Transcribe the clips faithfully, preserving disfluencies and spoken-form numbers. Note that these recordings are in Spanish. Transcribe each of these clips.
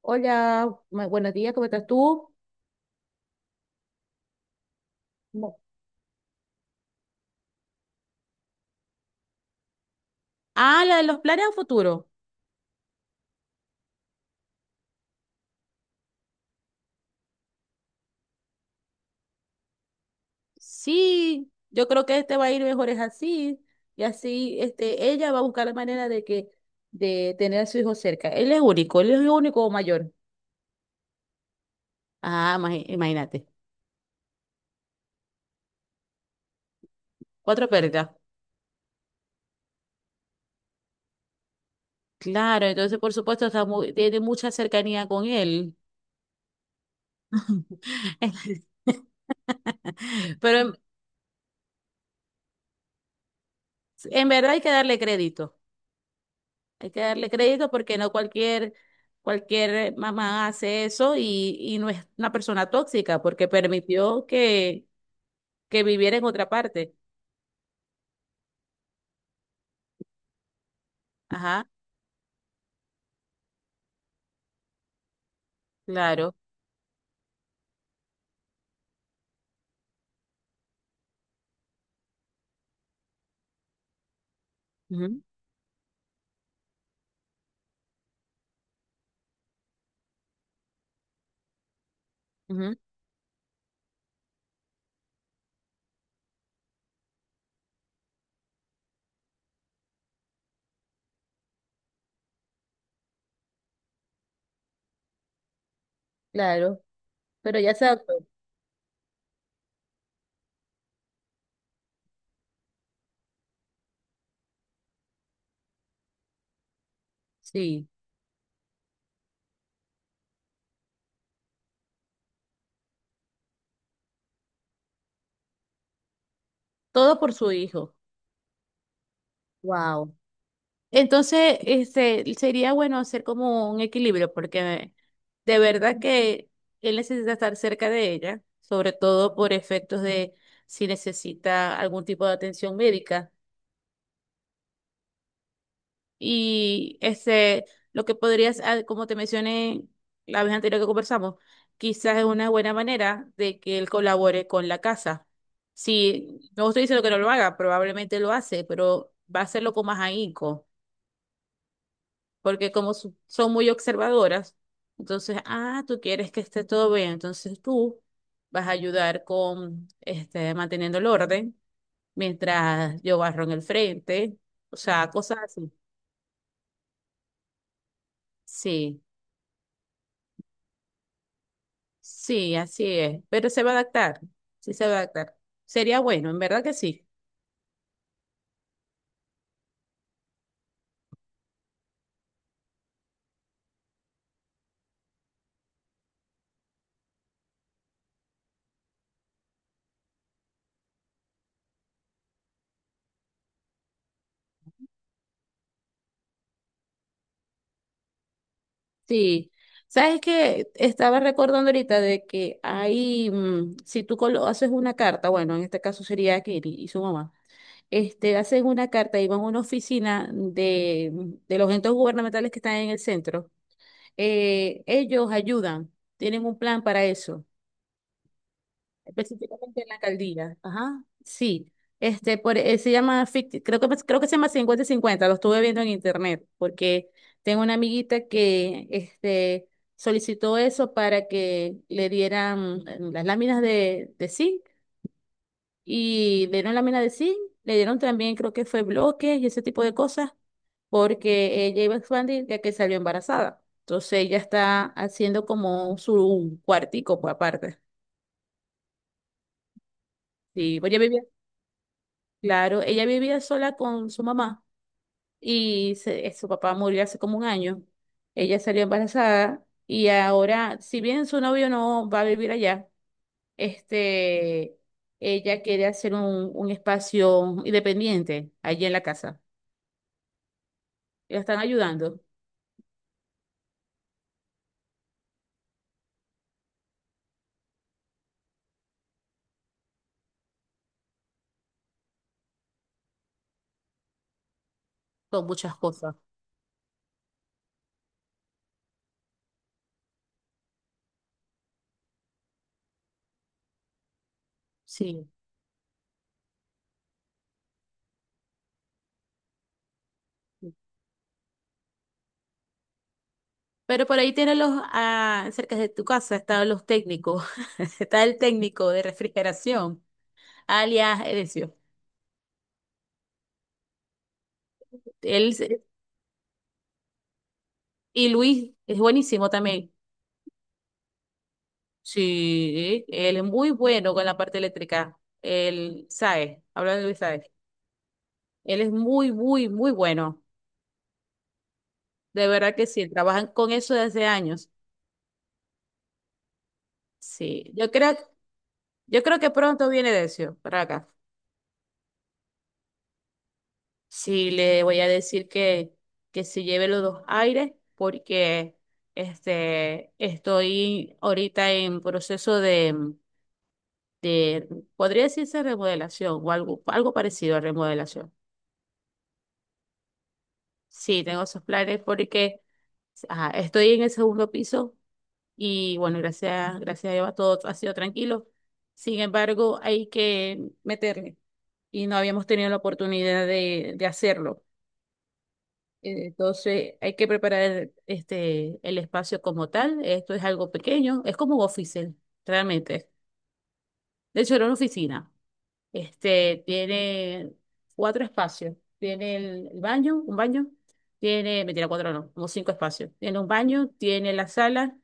Hola, ma- buenos días, ¿cómo estás tú? No. Ah, la de los planes a futuro. Sí, yo creo que este va a ir mejor es así. Y así, este, ella va a buscar la manera de que, de tener a su hijo cerca. Él es único, él es el único mayor. Ah, ma- imagínate. Cuatro pérdidas. Claro, entonces por supuesto está mu- tiene mucha cercanía con él. Pero en, en verdad hay que darle crédito. Hay que darle crédito porque no cualquier, cualquier mamá hace eso y, y no es una persona tóxica porque permitió que, que viviera en otra parte. Ajá, claro. Ujú, ujú, claro. Pero ya se adaptó. Sí. Todo por su hijo. Wow. Entonces, este, sería bueno hacer como un equilibrio porque de verdad que él necesita estar cerca de ella, sobre todo por efectos de si necesita algún tipo de atención médica. Y este, lo que podrías, ah, como te mencioné la vez anterior que conversamos, quizás es una buena manera de que él colabore con la casa. Si no estoy diciendo que no lo haga, probablemente lo hace, pero va a hacerlo con más ahínco, porque como su- son muy observadoras, entonces, ah, tú quieres que esté todo bien, entonces tú vas a ayudar con este, manteniendo el orden mientras yo barro en el frente, o sea, cosas así. Sí. Sí, así es, pero se va a adaptar, sí se va a adaptar. Sería bueno, en verdad que sí. Sí. ¿Sabes qué? Estaba recordando ahorita de que hay, mm, si tú colo- haces una carta, bueno, en este caso sería Kelly y su mamá, este, hacen una carta y van a una oficina de, de los entes gubernamentales que están en el centro. Eh, ellos ayudan, tienen un plan para eso. Específicamente en la alcaldía. Ajá. Sí. Este, por, eh, se llama, fic- creo que, pues, creo que se llama 50 cincuenta, lo estuve viendo en internet, porque tengo una amiguita que este, solicitó eso para que le dieran eh, las láminas de, de zinc, y le dieron lámina de zinc, le dieron también, creo que fue bloques y ese tipo de cosas, porque ella iba a expandir ya que salió embarazada. Entonces ella está haciendo como su cuartico por aparte. Sí, pues, ella vivía. Claro, ella vivía sola con su mamá y se- eh, su papá murió hace como un año. Ella salió embarazada y ahora, si bien su novio no va a vivir allá, este, ella quiere hacer un, un espacio independiente allí en la casa. La están ayudando con muchas cosas. Sí. Pero por ahí tienen los, ah, cerca de tu casa están los técnicos. Está el técnico de refrigeración, alias Edesio. Él. Y Luis es buenísimo también. Sí, él es muy bueno con la parte eléctrica. Él sabe, habla de Luis Saez. Él es muy, muy, muy bueno. De verdad que sí, trabajan con eso desde años. Sí, yo creo, yo creo que pronto viene Decio para acá. Sí, le voy a decir que, que se lleve los dos aires porque este, estoy ahorita en proceso de, de, podría decirse remodelación o algo, algo parecido a remodelación. Sí, tengo esos planes porque ajá, estoy en el segundo piso y bueno, gracias, gracias a Dios todo ha sido tranquilo. Sin embargo, hay que meterle y no habíamos tenido la oportunidad de, de hacerlo. Eh, Entonces, hay que preparar este, el espacio como tal. Esto es algo pequeño, es como un office, realmente. De hecho, era una oficina. Este, tiene cuatro espacios. Tiene el, el baño, un baño. Tiene, mentira, cuatro no, como cinco espacios. Tiene un baño, tiene la sala,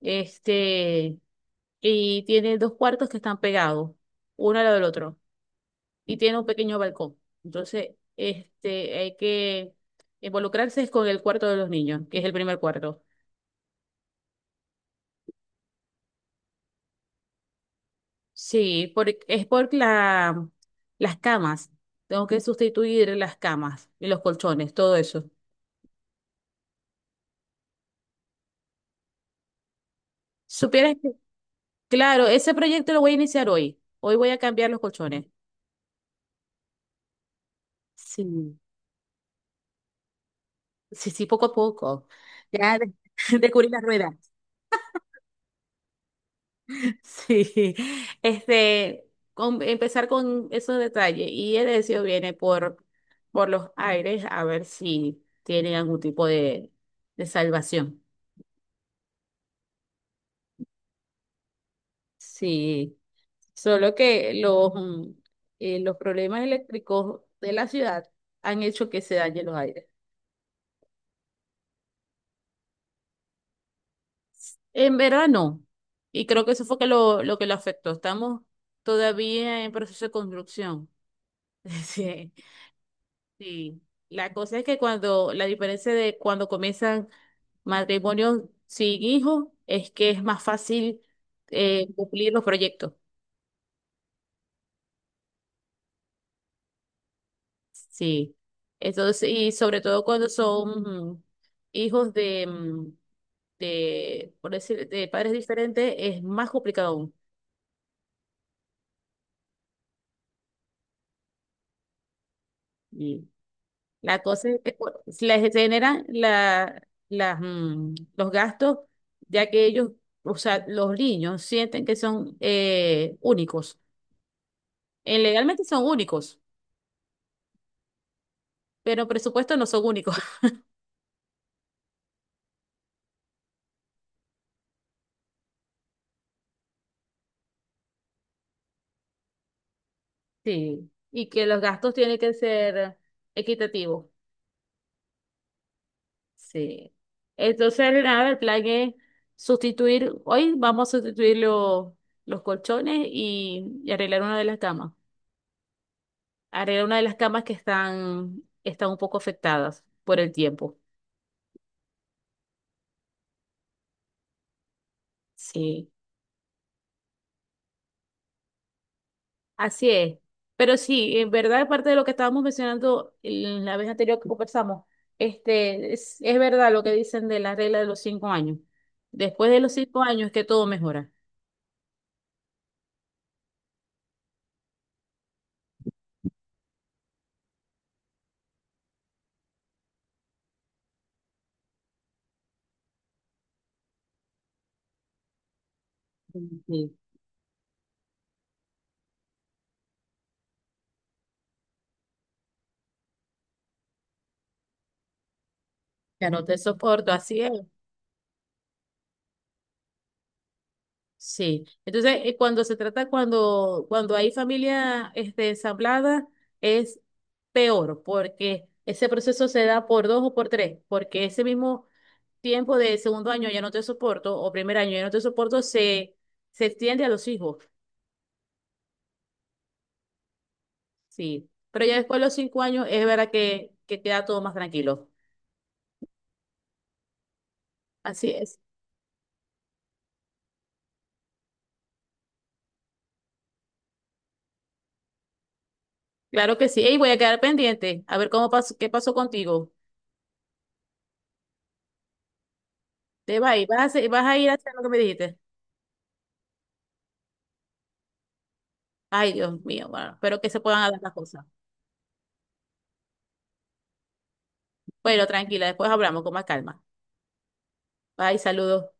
este, y tiene dos cuartos que están pegados, uno al lado del otro. Y tiene un pequeño balcón. Entonces, este, hay que involucrarse es con el cuarto de los niños, que es el primer cuarto. Sí, por- es por la, las camas. Tengo que sustituir las camas y los colchones, todo eso. ¿Supieras? Claro, ese proyecto lo voy a iniciar hoy. Hoy voy a cambiar los colchones. Sí, sí, sí, poco a poco. Ya de- descubrí las ruedas. Sí, este, con- empezar con esos detalles. Y el deseo viene por, por los aires a ver si tiene algún tipo de, de salvación. Sí, solo que los, mm, eh, los problemas eléctricos de la ciudad han hecho que se dañen los aires. En verano, y creo que eso fue que lo, lo que lo afectó. Estamos todavía en proceso de construcción. Sí, sí. La cosa es que cuando, la diferencia de cuando comienzan matrimonios sin hijos es que es más fácil eh, cumplir los proyectos. Sí. Entonces, y sobre todo cuando son mm, hijos de, mm, de, por decir, de padres diferentes, es más complicado aún. Mm. La cosa es que por- les generan la, las, mm, los gastos, ya que ellos, o sea, los niños sienten que son eh, únicos. Eh, legalmente son únicos, pero en presupuesto no son únicos. Sí, y que los gastos tienen que ser equitativos. Sí. Entonces, nada, el plan es sustituir, hoy vamos a sustituir lo- los colchones y, y arreglar una de las camas. Arreglar una de las camas que están, están un poco afectadas por el tiempo. Sí, así es. Pero sí, en verdad, parte de lo que estábamos mencionando en la vez anterior que conversamos, este, es, es verdad lo que dicen de la regla de los cinco años. Después de los cinco años es que todo mejora. Sí. Ya no te soporto, así es. Sí, entonces eh, cuando se trata, cuando, cuando hay familia este, ensamblada, es peor porque ese proceso se da por dos o por tres, porque ese mismo tiempo de segundo año ya no te soporto o primer año ya no te soporto se, se extiende a los hijos, sí, pero ya después de los cinco años es verdad que, que queda todo más tranquilo. Así es, claro que sí, y voy a quedar pendiente, a ver cómo pasó, qué pasó contigo. Te vas, y vas a, hacer- vas a ir a hacer lo que me dijiste. Ay, Dios mío, bueno, espero que se puedan dar las cosas. Bueno, tranquila, después hablamos con más calma. Bye, saludos.